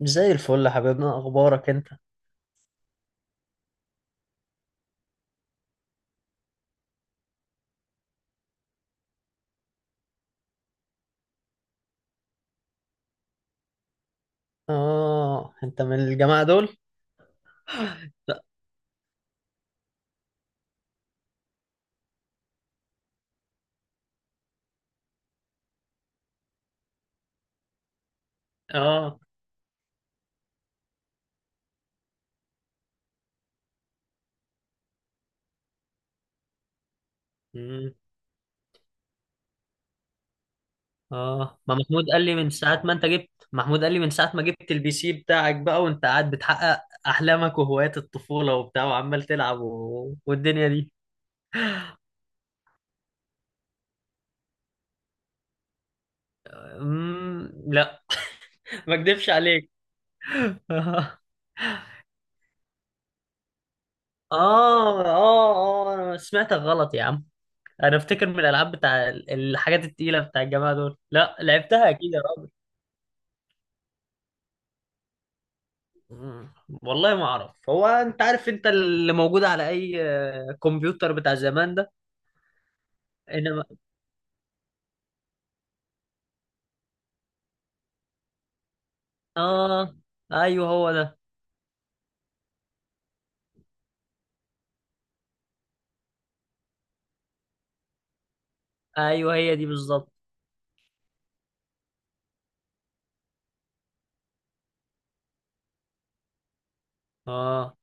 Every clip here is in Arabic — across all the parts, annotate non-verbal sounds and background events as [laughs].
زي الفل يا حبيبنا، اخبارك انت؟ اه، انت من الجماعه دول. لا. اه. مم. اه، ما محمود قال لي من ساعه ما انت جبت، محمود قال لي من ساعه ما جبت البي سي بتاعك بقى، وانت قاعد بتحقق احلامك وهوايات الطفوله وبتاع، وعمال تلعب و... والدنيا دي. لا. [laughs] ما اكدبش عليك. [laughs] اه. اه. اه، انا سمعتك غلط يا عم. انا افتكر من الالعاب بتاع الحاجات التقيله بتاع الجماعه دول، لا لعبتها اكيد يا راجل. مم. والله ما اعرف، هو انت عارف انت اللي موجود على اي كمبيوتر بتاع زمان ده؟ انما اه. ايوه هو ده. ايوه هي دي بالظبط. اه.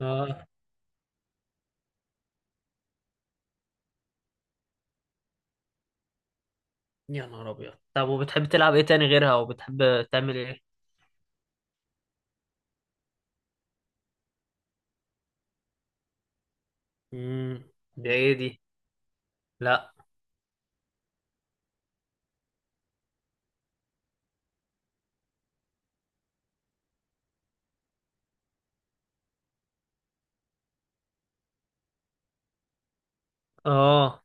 اه. يا نهار ابيض، طب وبتحب تلعب ايه تاني غيرها؟ وبتحب تعمل ايه؟ امم. ده ايه دي؟ لا. اه.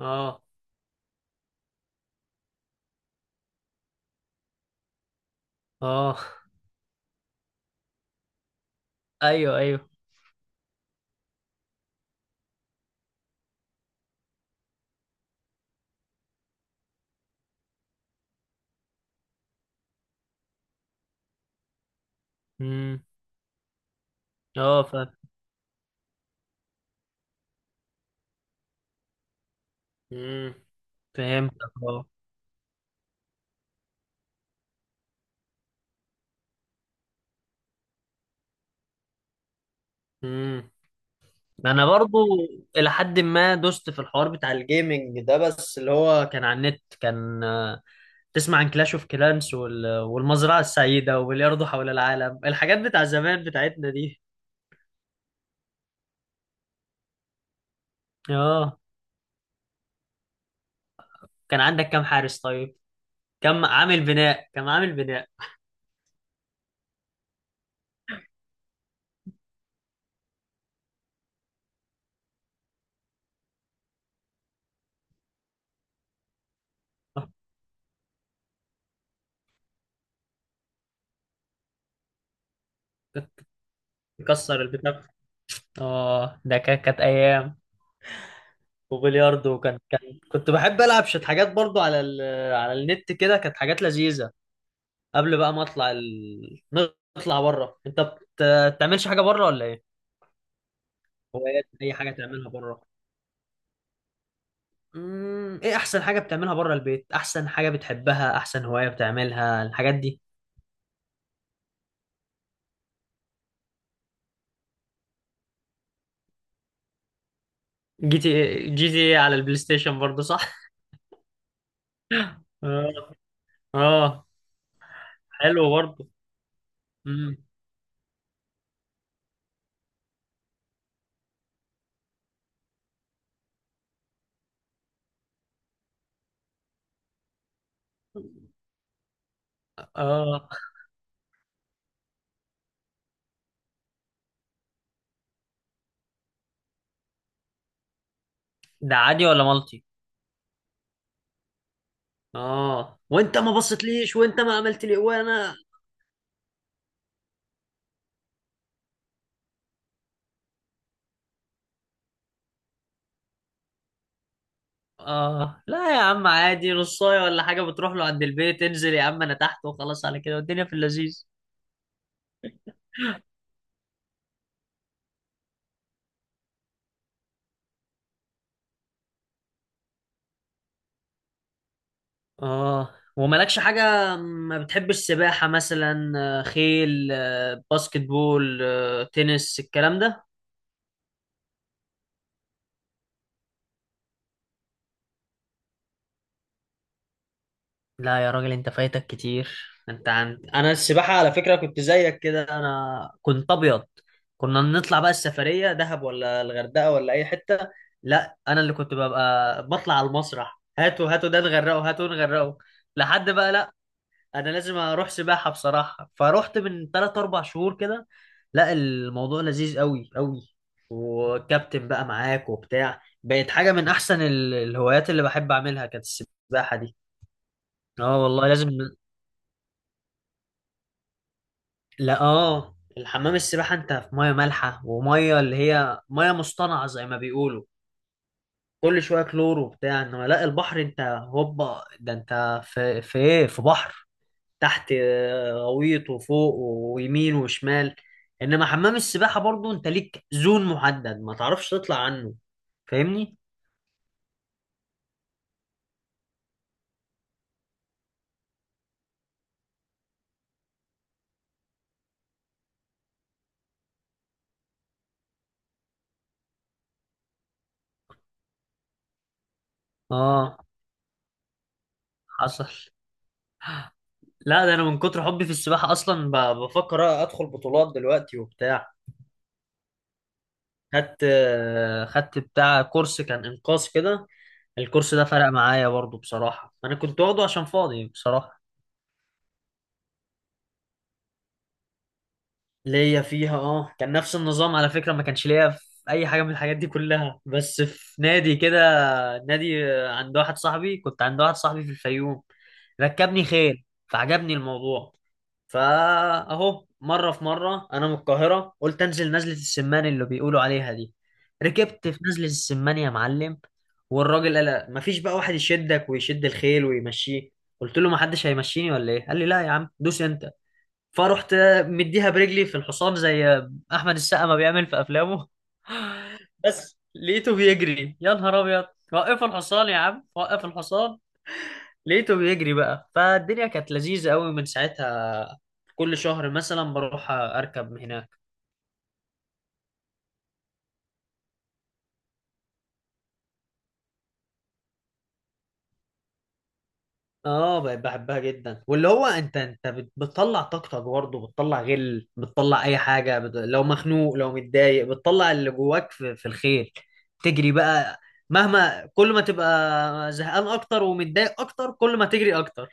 اه. اه. ايوه، ايوه. امم. اه، فاهم. امم. فهمتك. اه. مم. انا برضو الى حد ما دوست في الحوار بتاع الجيمنج ده، بس اللي هو كان على النت، كان تسمع عن كلاش اوف كلانس والمزرعه السعيده وبلياردو حول العالم، الحاجات بتاع زمان بتاعتنا دي. اه، كان عندك كام حارس طيب؟ كم عامل بناء، كم عامل بناء؟ يكسر البتاع. اه، كانت ايام. وبلياردو كان كنت بحب العب شويه حاجات برضو على النت، كده كانت حاجات لذيذه. قبل بقى ما نطلع بره. بتعملش حاجه بره ولا ايه؟ هوايات، اي حاجه تعملها بره. امم، ايه احسن حاجه بتعملها بره البيت؟ احسن حاجه بتحبها، احسن هوايه بتعملها الحاجات دي؟ جي تي إيه، جي تي إيه على البلاي ستيشن برضه، صح؟ اه. اه. حلو برضه. امم. اه. ده عادي ولا مالتي؟ اه، وانت ما بصيتليش وانت ما عملت لي وانا اه. لا يا عم، عادي نصايه ولا حاجه، بتروح له عند البيت، انزل يا عم انا تحت وخلاص، على كده والدنيا في اللذيذ. اه، ومالكش حاجة ما بتحبش؟ سباحة مثلا، خيل، باسكت بول، تنس، الكلام ده. لا يا راجل، انت فايتك كتير. انا السباحة على فكرة كنت زيك كده، انا كنت ابيض. كنا نطلع بقى السفرية دهب ولا الغردقة ولا اي حتة، لا انا اللي كنت ببقى بطلع على المسرح، هاتوا هاتوا ده نغرقه، هاتوا نغرقه، لحد بقى لا. انا لازم اروح سباحه بصراحه، فروحت من 3 4 شهور كده. لا الموضوع لذيذ قوي قوي، وكابتن بقى معاك وبتاع، بقت حاجه من احسن ال- الهوايات اللي بحب اعملها، كانت السباحه دي. اه والله لازم. لا اه، الحمام السباحه انت في ميه مالحه، وميه اللي هي ميه مصطنعه زي ما بيقولوا، كل شويه كلور وبتاع. انما لا، البحر انت هوبا، ده انت في في ايه، في بحر، تحت غويط وفوق ويمين وشمال. انما حمام السباحة برضو انت ليك زون محدد، ما تعرفش تطلع عنه، فاهمني. اه، حصل. لا ده انا من كتر حبي في السباحة، اصلا بفكر ادخل بطولات دلوقتي وبتاع. خدت خدت بتاع كورس كان انقاذ كده. الكورس ده فرق معايا برضو بصراحة، انا كنت واخده عشان فاضي بصراحة. ليا فيها، اه كان نفس النظام على فكرة، ما كانش ليا في اي حاجة من الحاجات دي كلها، بس في نادي كده، نادي عند واحد صاحبي، كنت عند واحد صاحبي في الفيوم. ركبني خيل فعجبني الموضوع. فاهو مرة في مرة انا من القاهرة، قلت انزل نزلة السمان اللي بيقولوا عليها دي. ركبت في نزلة السمان يا معلم، والراجل قال لا، مفيش بقى واحد يشدك ويشد الخيل ويمشيه. قلت له ما حدش هيمشيني ولا ايه؟ قال لي لا يا عم، دوس انت. فرحت مديها برجلي في الحصان، زي احمد السقا ما بيعمل في افلامه. [laughs] بس لقيته بيجري، يا نهار ابيض، وقف الحصان يا عم، وقف الحصان. لقيته بيجري بقى، فالدنيا كانت لذيذة قوي من ساعتها. كل شهر مثلا بروح اركب هناك. اه بقيت بحبها جدا، واللي هو انت بتطلع طاقتك برضه، بتطلع غل، بتطلع اي حاجه لو مخنوق لو متضايق، بتطلع اللي جواك في، في الخيل، تجري بقى. مهما كل ما تبقى زهقان اكتر ومتضايق اكتر، كل ما تجري اكتر.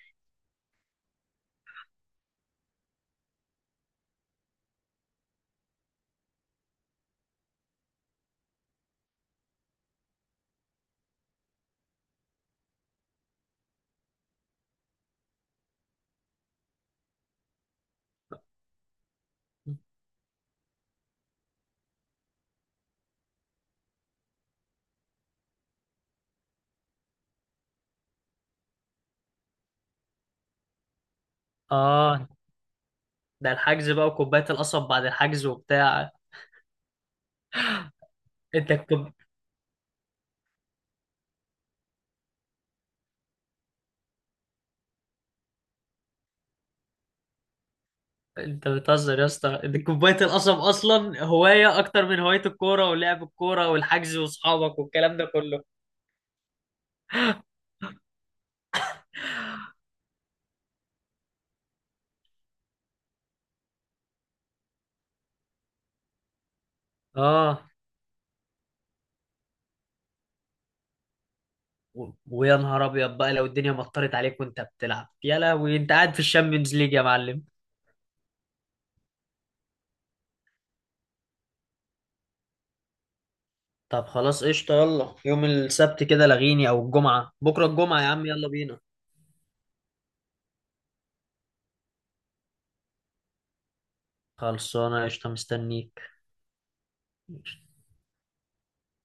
اه، ده الحجز بقى وكوبايه القصب بعد الحجز وبتاع. انت كوب... انت بتهزر يا اسطى، انت كوبايه القصب اصلا هوايه اكتر من هوايه الكوره ولعب الكوره والحجز واصحابك والكلام ده كله. اه، ويا نهار ابيض بقى لو الدنيا مطرت عليك وانت بتلعب، يا لهوي انت قاعد في الشامبيونز ليج يا معلم. طب خلاص قشطة، يلا يوم السبت كده لغيني، او الجمعة، بكرة الجمعة يا عم، يلا بينا. خلصانة قشطة، مستنيك.